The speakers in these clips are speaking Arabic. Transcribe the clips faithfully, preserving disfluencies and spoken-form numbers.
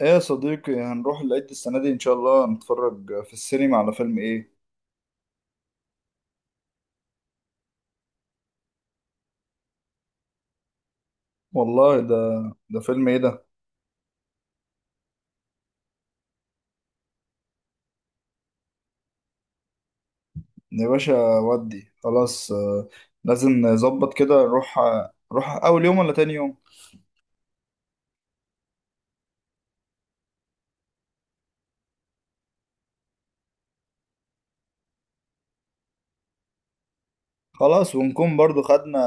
ايه يا صديقي، هنروح العيد السنة دي إن شاء الله نتفرج في السينما على فيلم إيه؟ والله ده، ده فيلم إيه ده؟ يا باشا ودي خلاص آه، لازم نظبط كده نروح. نروح أول يوم ولا تاني يوم؟ خلاص ونكون برضو خدنا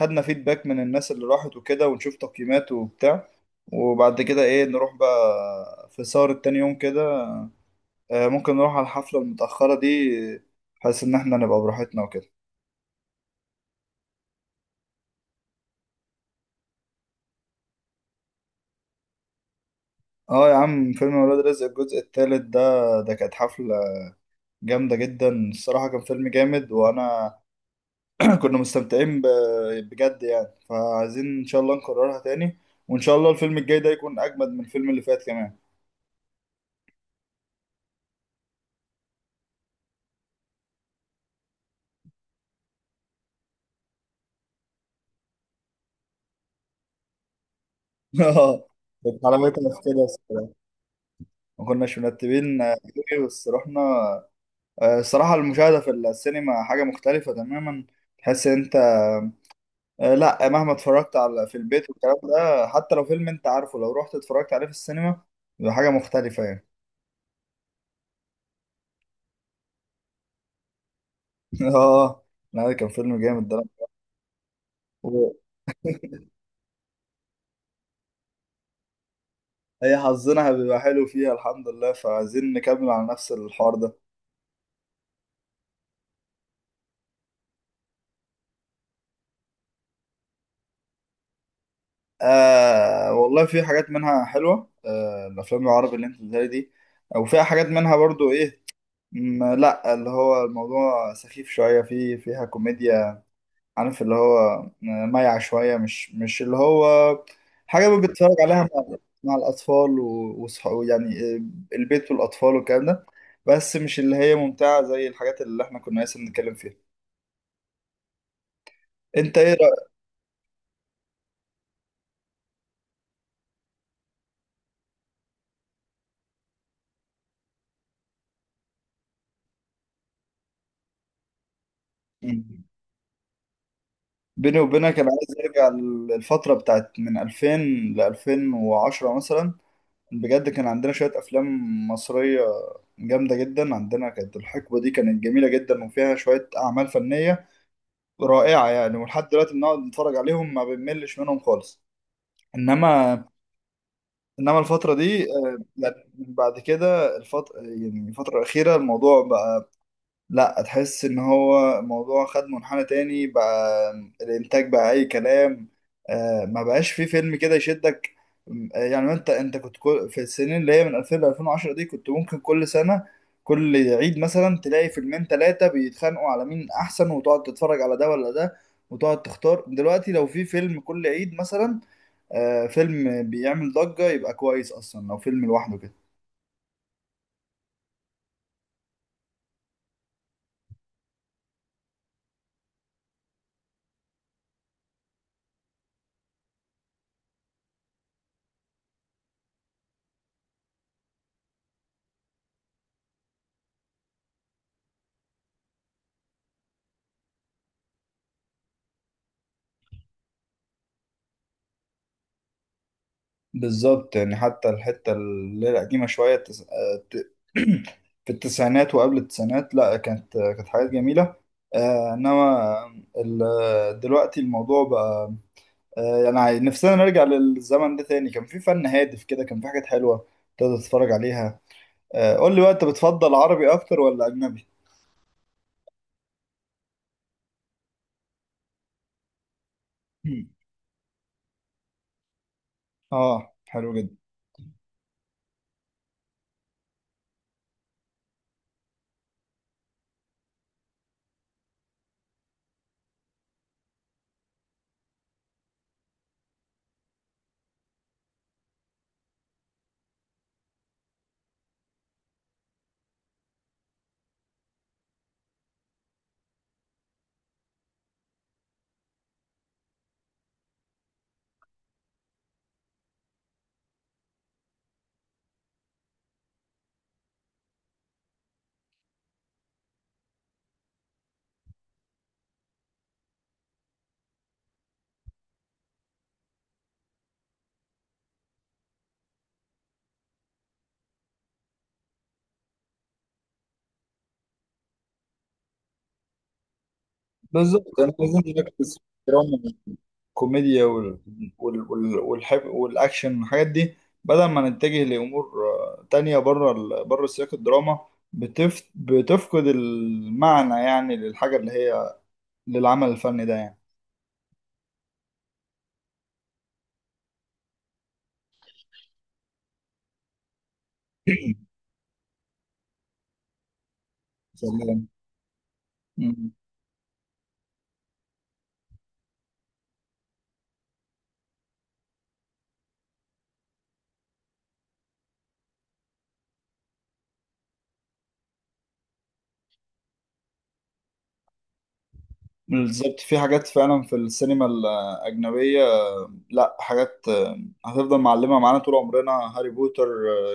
خدنا فيدباك من الناس اللي راحت وكده ونشوف تقييمات وبتاع، وبعد كده إيه نروح بقى في سهرة تاني يوم كده. آه، ممكن نروح على الحفلة المتأخرة دي بحيث إن إحنا نبقى براحتنا وكده. اه يا عم فيلم ولاد رزق الجزء الثالث ده، ده كانت حفلة جامدة جدا الصراحة، كان فيلم جامد وانا كنا مستمتعين ب- بجد يعني، فعايزين ان شاء الله نكررها تاني، وان شاء الله الفيلم الجاي ده يكون اجمد من الفيلم اللي فات كمان. اه، كانت حلاوتها في كده، ما كناش مرتبين آه، أوي، بس رحنا. آه، الصراحة المشاهدة في السينما حاجة مختلفة تماما، تحس انت آه، لا مهما اتفرجت على في البيت والكلام ده، حتى لو فيلم انت عارفه لو رحت اتفرجت عليه في السينما بيبقى حاجة مختلفة يعني. اه، لا ده كان فيلم جامد ده. هي حظنا بيبقى حلو فيها الحمد لله، فعايزين نكمل على نفس الحوار ده. آه والله في حاجات منها حلوة، آه الأفلام العربي اللي انت بتقولها دي، وفيها حاجات منها برضو ايه، م- لا اللي هو الموضوع سخيف شوية، في فيها كوميديا، عارف اللي هو آه، مايع شوية، مش مش اللي هو حاجة بتتفرج عليها مع، مع الأطفال وصحابه يعني، آه، البيت والأطفال والكلام ده، بس مش اللي هي ممتعة زي الحاجات اللي احنا كنا لسه بنتكلم فيها. أنت إيه رأيك؟ بيني وبينك أنا عايز أرجع للفترة بتاعت من ألفين ل ألفين وعشرة مثلا، بجد كان عندنا شوية أفلام مصرية جامدة جدا. عندنا كانت الحقبة دي كانت جميلة جدا وفيها شوية أعمال فنية رائعة يعني، ولحد دلوقتي بنقعد نتفرج عليهم ما بنملش منهم خالص. انما انما الفترة دي آه، يعني بعد كده الفترة، يعني الفترة الأخيرة الموضوع بقى لا، تحس ان هو الموضوع خد منحنى تاني بقى، الانتاج بقى اي كلام، آه ما بقاش فيه فيلم كده يشدك. م- يعني انت انت كنت كل في السنين اللي هي من ألفين ل ألفين وعشرة دي كنت ممكن كل سنة كل عيد مثلا تلاقي فيلمين ثلاثة بيتخانقوا على مين احسن، وتقعد تتفرج على ده ولا ده، وتقعد تختار. دلوقتي لو في فيلم كل عيد مثلا آه، فيلم بيعمل ضجة يبقى كويس اصلا لو فيلم لوحده كده. بالظبط يعني، حتى الحتة اللي هي القديمة شوية، التس... آه، ت- في التسعينات وقبل التسعينات لا، كانت كانت حاجات جميلة آه، إنما ال- دلوقتي الموضوع بقى آه، يعني عاي- نفسنا نرجع للزمن ده تاني، كان في فن هادف كده، كان في حاجات حلوة تقدر تتفرج عليها. آه، قول لي بقى أنت بتفضل عربي أكتر ولا أجنبي؟ آه حلو جدا. بالظبط أنا لازم نركز في الدراما، الكوميديا وال... وال... وال... والحب، والاكشن والحاجات دي، بدل ما نتجه لامور آه، تانية بره ال... بره سياق الدراما، بتف... بتفقد المعنى يعني للحاجه اللي هي للعمل الفني ده يعني. سلام. مم. بالظبط في حاجات فعلا في السينما الاجنبيه، لا حاجات آه، هتفضل معلمة معانا طول عمرنا. هاري بوتر،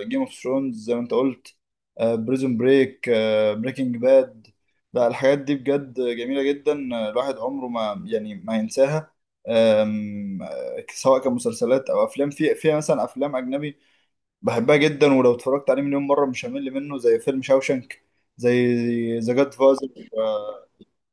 جيم اوف ثرونز زي ما انت قلت، بريزون بريك، بريكنج باد، لا الحاجات دي بجد جميلة جدا آه، الواحد عمره ما يعني ما ينساها. آم، آه، سواء كمسلسلات او افلام، في في مثلا افلام اجنبي بحبها جدا، ولو اتفرجت عليه مليون مرة مش همل منه، زي فيلم شاوشنك، زي ذا جاد فازر.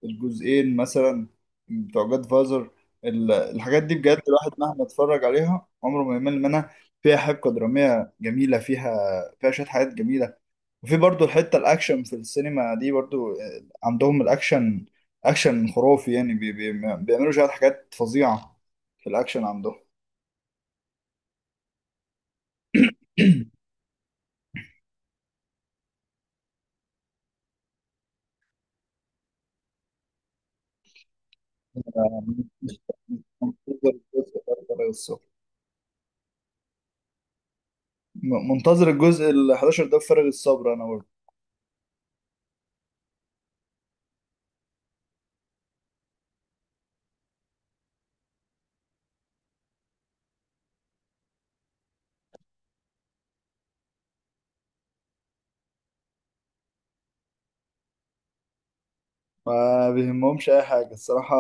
الجزئين مثلا بتوع جاد فازر، الحاجات دي بجد الواحد مهما اتفرج عليها عمره ما يمل منها. فيها حبكة درامية جميلة، فيها فيها شوية حاجات جميلة، وفي برضو الحتة الأكشن في السينما دي برضو آه، عندهم الأكشن، أكشن خرافي يعني، بي بي بيعملوا شوية حاجات فظيعة في الأكشن عندهم. مش- منتظر الجزء ده بفارغ الصبر. م- منتظر الجزء ال حداشر ده بفارغ الصبر أنا. ما بيهمهمش اي حاجه الصراحه،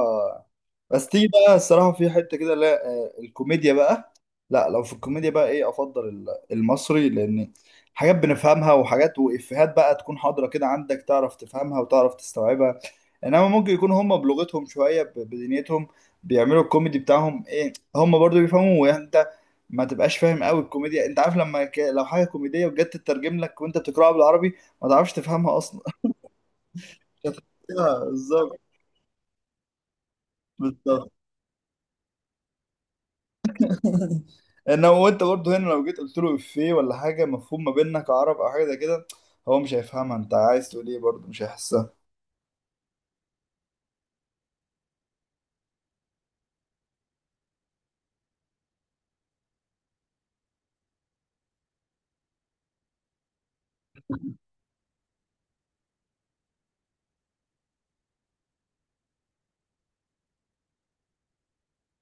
بس تيجي بقى الصراحه في حته كده لا آه، الكوميديا بقى، لا لو في الكوميديا بقى ايه افضل ال- المصري، لان حاجات بنفهمها وحاجات وافيهات بقى تكون حاضره كده عندك، تعرف تفهمها وتعرف تستوعبها. انما ممكن يكون هم بلغتهم شويه ب- بدنيتهم بيعملوا الكوميدي بتاعهم ايه، هم برضو بيفهموا يعني انت ما تبقاش فاهم قوي الكوميديا. انت عارف لما ك... لو حاجه كوميديه وجت تترجم لك وانت بتقراها بالعربي ما تعرفش تفهمها اصلا. بالظبط. بالظبط انا وانت برضه هنا لو جيت قلت له افيه ولا حاجه مفهوم ما بيننا كعرب او حاجه زي كده، هو مش هيفهمها، انت عايز تقول ايه برضه مش هيحسها.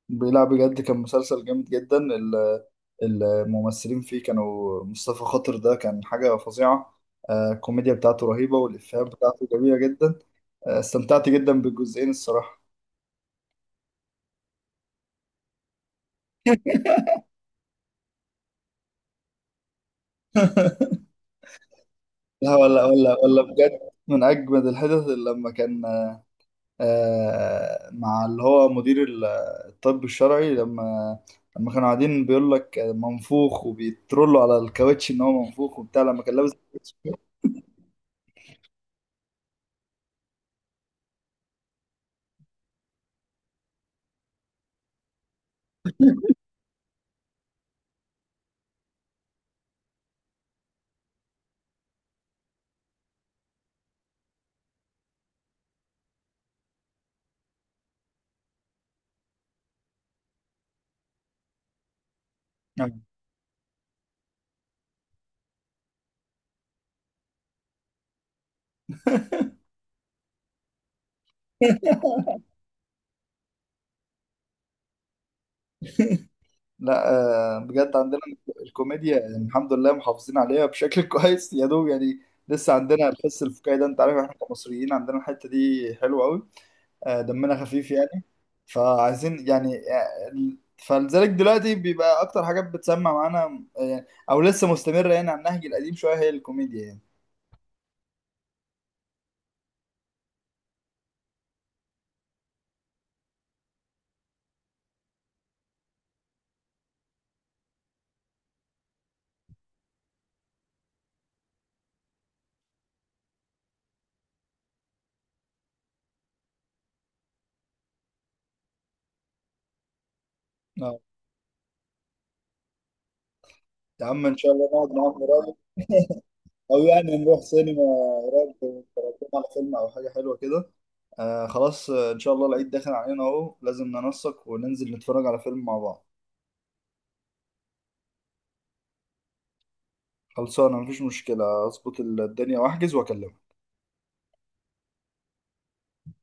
لا بجد كان مسلسل جامد جدا ال- الممثلين فيه كانوا مصطفى خاطر، ده كان حاجه فظيعه آه، الكوميديا بتاعته رهيبه والافيهات بتاعته جميله جدا. آه، استمتعت جدا بالجزئين الصراحه. لا ولا ولا ولا بجد، من اجمد الحدث لما كان آه، مع اللي هو مدير ال- الطب الشرعي، لما لما كانوا قاعدين بيقول لك منفوخ وبيترولوا على الكاوتش ان هو منفوخ وبتاع، لما كان لابس الكاوتش. نعم. لا آه، بجد عندنا الكوميديا يعني الحمد لله محافظين عليها بشكل كويس يا دوب يعني. لسه عندنا الحس الفكاهي ده، انت عارف احنا كمصريين عندنا الحتة دي حلوة قوي آه، دمنا خفيف يعني، فعايزين يعني آه، فلذلك دلوقتي بيبقى اكتر حاجات بتسمع معانا آه، يعني او لسه مستمره يعني على النهج القديم شويه هي الكوميديا يعني. اه يا عم، ان شاء الله نقعد معاهم قريب، او يعني نروح سينما قريب نتفرج على فيلم او حاجه حلوه كده. آه خلاص آه، ان شاء الله العيد داخل علينا اهو، لازم ننسق وننزل نتفرج على فيلم مع بعض. خلصانه، مفيش مشكله، اظبط الدنيا واحجز واكلمك.